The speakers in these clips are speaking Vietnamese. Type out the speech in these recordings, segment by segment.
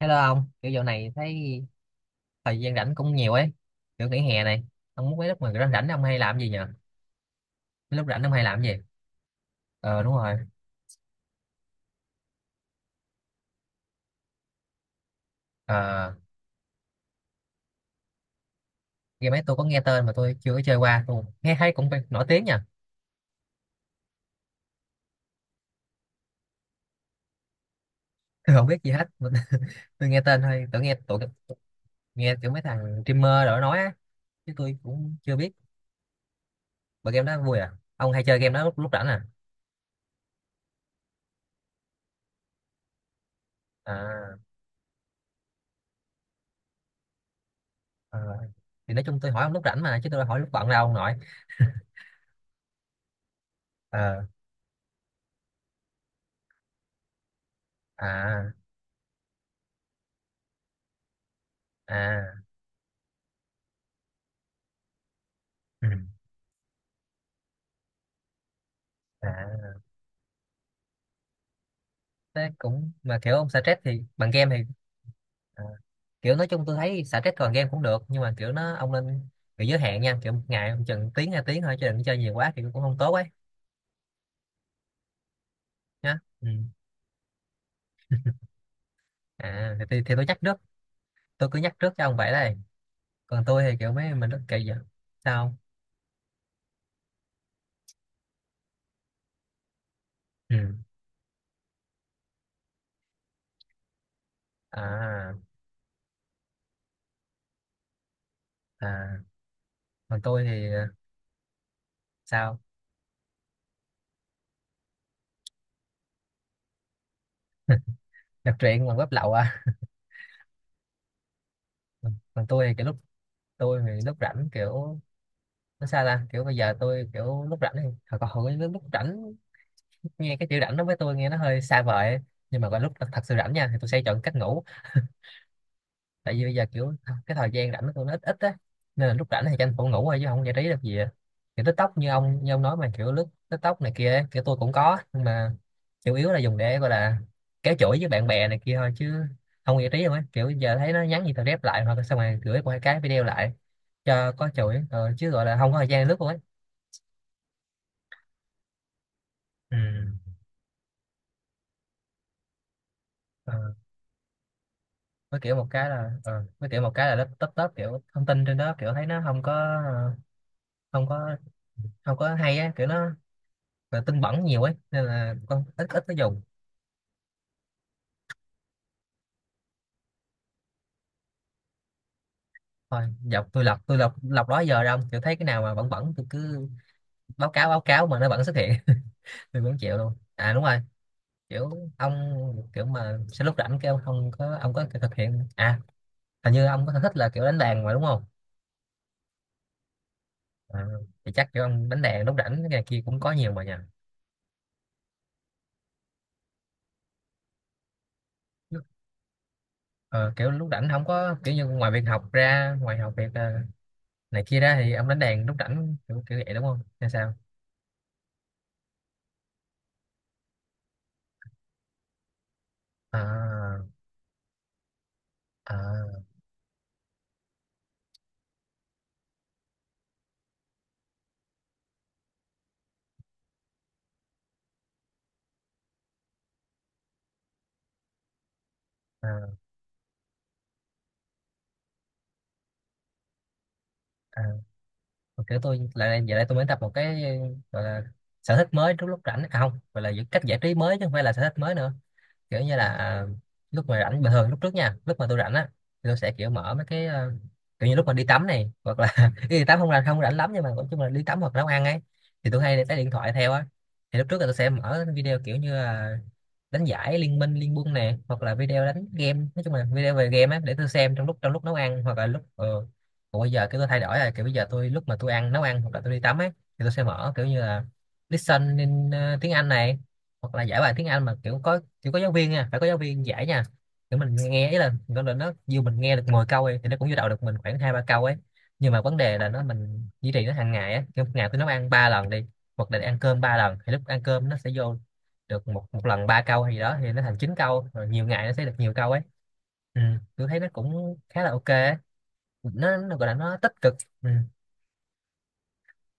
Hello ông, kiểu dạo này thấy thời gian rảnh cũng nhiều ấy, kiểu nghỉ hè này, ông muốn mấy lúc mà rảnh rảnh ông hay làm gì nhỉ? Mấy lúc rảnh ông hay làm gì? Ờ đúng rồi, ờ, game ấy tôi có nghe tên mà tôi chưa có chơi qua, tôi nghe thấy cũng phải nổi tiếng nha. Tôi không biết gì hết. Tôi nghe tên thôi, tôi nghe tụi nghe kiểu mấy thằng streamer rồi nói á, chứ tôi cũng chưa biết, mà game đó vui à? Ông hay chơi game đó lúc lúc rảnh à? À, ờ, thì nói chung tôi hỏi ông lúc rảnh mà, chứ tôi đâu hỏi lúc bận đâu ông nội. Ờ. À. À. Ừ. À. Thế cũng mà kiểu ông xả stress thì bằng game thì à, kiểu nói chung tôi thấy xả stress bằng game cũng được nhưng mà kiểu nó ông nên bị giới hạn nha, kiểu một ngày ông chừng tiếng hai tiếng thôi chứ đừng chơi nhiều quá thì cũng không tốt ấy nhá. Ừ. À thì, tôi nhắc trước tôi cứ nhắc trước cho ông vậy đây. Còn tôi thì kiểu mấy mình rất kệ giờ sao không? Ừ. À. À còn tôi thì sao đọc truyện bằng web lậu à? Còn tôi thì kiểu lúc tôi thì lúc rảnh kiểu nó sao ta, kiểu bây giờ tôi kiểu lúc rảnh thì hồi còn hồi lúc lúc rảnh nghe cái chữ rảnh đó với tôi nghe nó hơi xa vời ấy. Nhưng mà vào lúc thật, thật sự rảnh nha thì tôi sẽ chọn cách ngủ tại vì bây giờ kiểu cái thời gian rảnh của tôi nó ít ít á, nên là lúc rảnh thì tranh thủ ngủ thôi chứ không giải trí được gì á. Kiểu TikTok như ông nói mà kiểu lướt TikTok này kia ấy, kiểu tôi cũng có nhưng mà chủ yếu là dùng để gọi là kéo chuỗi với bạn bè này kia thôi chứ không giải trí đâu ấy, kiểu giờ thấy nó nhắn gì tao rep lại hoặc là xong rồi gửi qua cái video lại cho có chuỗi chứ gọi là không có thời gian lướt luôn ấy. Ừ. Với kiểu một cái là với kiểu một cái là nó tấp tấp kiểu thông tin trên đó kiểu thấy nó không có ờ, không có không có hay á kiểu nó là tin bẩn nhiều ấy nên là con ít ít nó dùng thôi. Dọc tôi lọc lọc đó giờ ra không, kiểu thấy cái nào mà bẩn bẩn tôi cứ báo cáo mà nó vẫn xuất hiện. Tôi cũng chịu luôn. À đúng rồi, kiểu ông kiểu mà sẽ lúc rảnh kêu không có ông có thực hiện à, hình như ông có sở thích là kiểu đánh đàn mà đúng không? À, thì chắc kiểu ông đánh đàn lúc rảnh cái này kia cũng có nhiều mà nhỉ. Ờ, kiểu lúc rảnh không có kiểu như ngoài việc học ra ngoài học việc này kia ra thì ông đánh đàn lúc rảnh kiểu, kiểu vậy đúng không hay sao? À. À. À. À. Mà kiểu tôi lại giờ đây tôi mới tập một cái gọi là sở thích mới lúc lúc rảnh, à không, gọi là những cách giải trí mới chứ không phải là sở thích mới nữa, kiểu như là à, lúc mà rảnh bình thường lúc trước nha lúc mà tôi rảnh á thì tôi sẽ kiểu mở mấy cái kiểu như lúc mà đi tắm này hoặc là đi tắm không là không rảnh lắm nhưng mà nói chung là đi tắm hoặc nấu ăn ấy thì tôi hay để cái điện thoại theo á, thì lúc trước là tôi sẽ mở video kiểu như là đánh giải liên minh liên quân nè hoặc là video đánh game nói chung là video về game á để tôi xem trong lúc nấu ăn hoặc là lúc còn bây giờ cái tôi thay đổi là kiểu bây giờ tôi lúc mà tôi ăn nấu ăn hoặc là tôi đi tắm á thì tôi sẽ mở kiểu như là listen in tiếng Anh này hoặc là giải bài tiếng Anh mà kiểu có giáo viên nha phải có giáo viên giải nha, kiểu mình nghe ấy là nó dù mình nghe được 10 câu ấy, thì nó cũng vô đầu được mình khoảng hai ba câu ấy, nhưng mà vấn đề là nó mình duy trì nó hàng ngày á, kiểu một ngày tôi nấu ăn ba lần đi hoặc là ăn cơm ba lần thì lúc ăn cơm nó sẽ vô được một một lần ba câu gì đó thì nó thành chín câu rồi nhiều ngày nó sẽ được nhiều câu ấy. Ừ. Tôi thấy nó cũng khá là ok ấy. Nó gọi là nó tích cực. Ừ.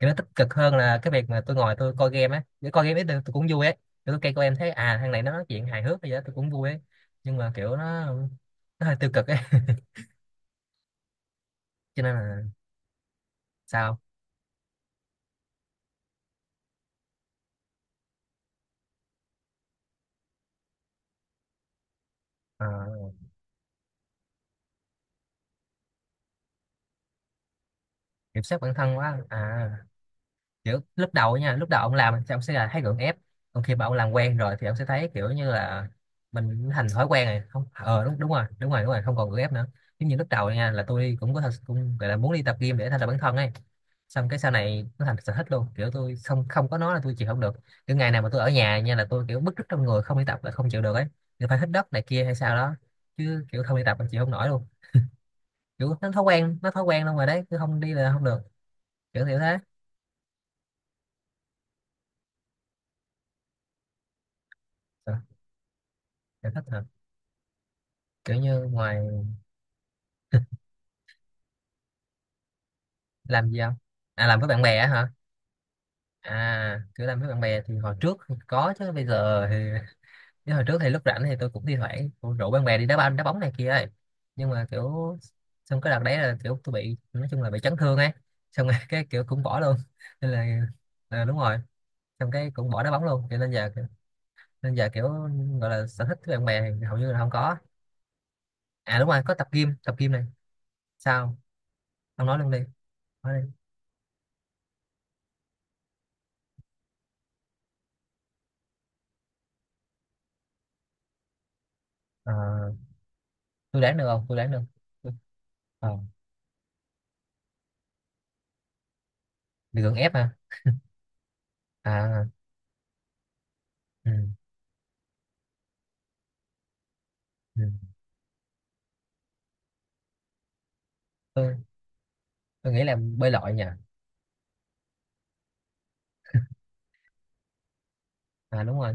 Kiểu nó tích cực hơn là cái việc mà tôi ngồi tôi coi game á, để coi game ấy tôi cũng vui ấy kiểu tôi coi coi em thấy à thằng này nó nói chuyện hài hước hay gì đó tôi cũng vui ấy nhưng mà kiểu nó hơi tiêu cực ấy. Cho nên là sao. Ờ, kiểm soát bản thân quá à, kiểu lúc đầu nha lúc đầu ông làm thì ông sẽ là thấy gượng ép còn khi mà ông làm quen rồi thì ông sẽ thấy kiểu như là mình thành thói quen rồi, không đúng, đúng rồi đúng rồi đúng rồi không còn gượng ép nữa, giống như lúc đầu nha là tôi cũng có thật cũng gọi là muốn đi tập gym để thay đổi bản thân ấy, xong cái sau này nó thành sở thích luôn kiểu tôi không không có nó là tôi chịu không được, kiểu ngày nào mà tôi ở nhà nha là tôi kiểu bứt rứt trong người không đi tập là không chịu được ấy thì phải hít đất này kia hay sao đó chứ kiểu không đi tập là chịu không nổi luôn, kiểu nó thói quen luôn rồi đấy cứ không đi là không được, kiểu kiểu thế. Ờ, sở thích hả? Kiểu như ngoài làm gì không. À làm với bạn bè á hả, à kiểu làm với bạn bè thì hồi trước thì có chứ bây giờ thì chứ hồi trước thì lúc rảnh thì tôi cũng thi thoảng cũng rủ bạn bè đi đá banh đá bóng này kia ấy nhưng mà kiểu xong cái đợt đấy là kiểu tôi bị nói chung là bị chấn thương ấy xong rồi cái kiểu cũng bỏ luôn nên là à, đúng rồi xong cái cũng bỏ đá bóng luôn cho nên giờ kiểu gọi là sở thích với bạn bè thì hầu như là không có, à đúng rồi có tập gym này. Sao. Không nói luôn đi. Nói đi. Ờ, tôi đoán được không tôi đoán được. Ờ, lực lượng ép hả? À. Ừ. Ừ. tôi tôi nghĩ là bơi lội nhỉ. À đúng rồi.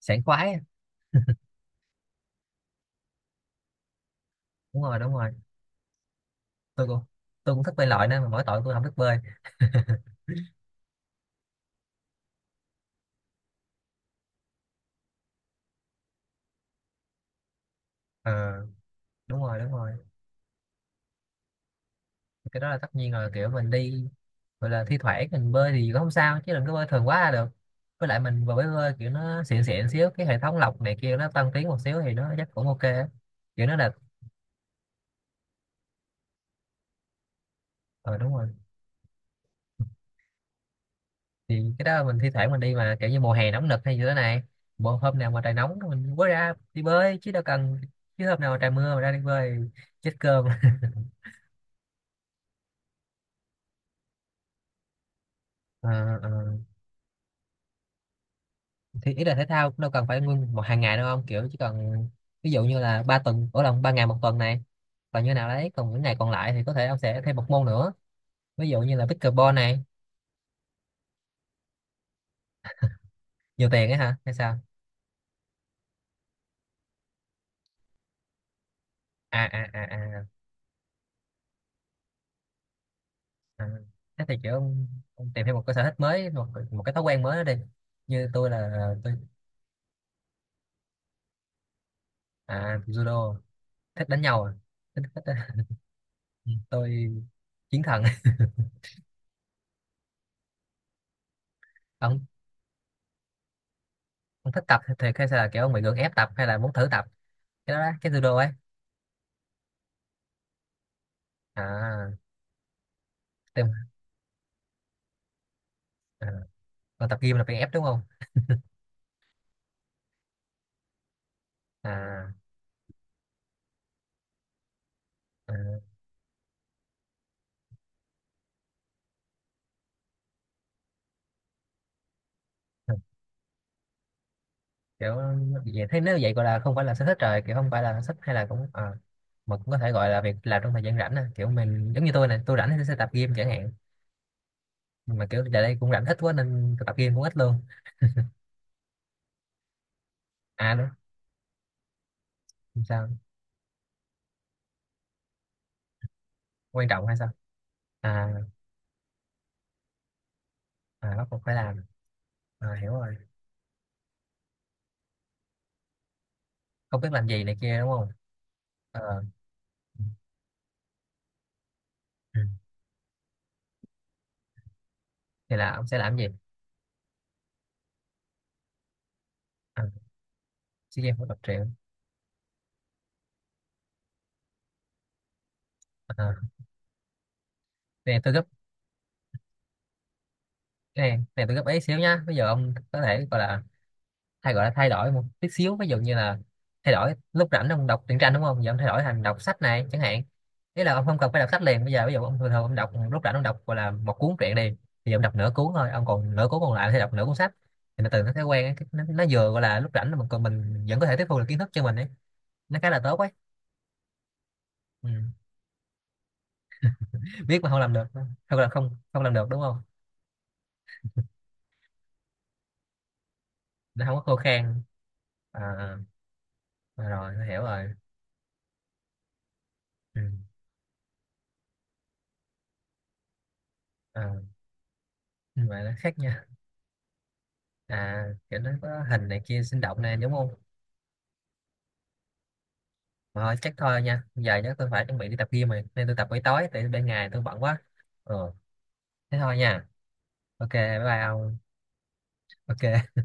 Sảng khoái. Đúng rồi đúng rồi. Tôi cũng tôi cũng thích bơi lội nên mà mỗi tội tôi không thích bơi. Ờ, đúng rồi đúng rồi. Cái đó là tất nhiên rồi kiểu mình đi gọi là thi thoảng mình bơi thì cũng không sao chứ đừng có bơi thường quá là được, với lại mình vừa mới bơi kiểu nó xịn xịn xíu cái hệ thống lọc này kia nó tân tiến một xíu thì nó chắc cũng ok á. Kiểu nó là. Ờ đúng rồi. Thì cái đó mình thi thoảng mình đi mà kiểu như mùa hè nóng nực hay như thế này bộ hôm nào mà trời nóng mình mới ra đi bơi chứ đâu cần, chứ hôm nào mà trời mưa mà ra đi bơi chết cơm. Ờ. Ờ. Thì ý là thể thao cũng đâu cần phải nguyên một hàng ngày đâu không, kiểu chỉ cần ví dụ như là ba tuần ở lòng ba ngày một tuần này còn như nào đấy còn những ngày còn lại thì có thể ông sẽ thêm một môn nữa, ví dụ như là pickleball này. Nhiều tiền ấy hả hay sao. À à à à, à. Thế thì kiểu ông tìm thêm một cái sở thích mới một một cái thói quen mới đó đi như tôi là tôi. À judo thích đánh nhau à? Ừ, tôi chiến thần. ông ông thích tập thì hay là kiểu ông bị gượng ép tập hay là muốn thử tập cái đó đó, cái judo ấy. À tìm. À, còn tập gym là bị ép đúng không. À, à kiểu vậy, thế nếu vậy gọi là không phải là sở thích rồi, kiểu không phải là sở thích hay là cũng à, mà cũng có thể gọi là việc làm trong thời gian rảnh à. Kiểu mình giống như tôi này tôi rảnh thì tôi sẽ tập gym chẳng hạn nhưng mà kiểu giờ đây cũng rảnh ít quá nên tôi tập gym cũng ít luôn. À đúng. Sao. Quan trọng hay sao. À, à bắt buộc phải làm. À, hiểu rồi. Không biết làm gì này kia đúng không. Ờ, ừ. Thì là ông sẽ làm gì. À, sea games một tập truyện. À, cái này tôi gấp, cái này tôi gấp ấy xíu nhá, bây giờ ông có thể gọi là thay đổi một tí xíu ví dụ như là thay đổi lúc rảnh ông đọc truyện tranh đúng không giờ ông thay đổi thành đọc sách này chẳng hạn, ý là ông không cần phải đọc sách liền bây giờ ví dụ ông thường thường ông đọc lúc rảnh ông đọc gọi là một cuốn truyện đi thì ông đọc nửa cuốn thôi ông còn nửa cuốn còn lại thì đọc nửa cuốn sách, thì nó từ nó thói quen ấy, nó vừa gọi là lúc rảnh mà còn mình vẫn có thể tiếp thu được kiến thức cho mình ấy nó khá là tốt ấy. Ừ. Biết mà không làm được không là không không làm được đúng không. Nó không có khô khan. À, à rồi tôi hiểu rồi. Ừ. À, nhưng mà nó khác nha. À kiểu nó có hình này kia sinh động này đúng không. Mà thôi, chắc thôi nha giờ chắc tôi phải chuẩn bị đi tập gym rồi nên tôi tập buổi tối tại ban ngày tôi bận quá. Ừ. Thế thôi nha. Ok bye bye ông. Ok.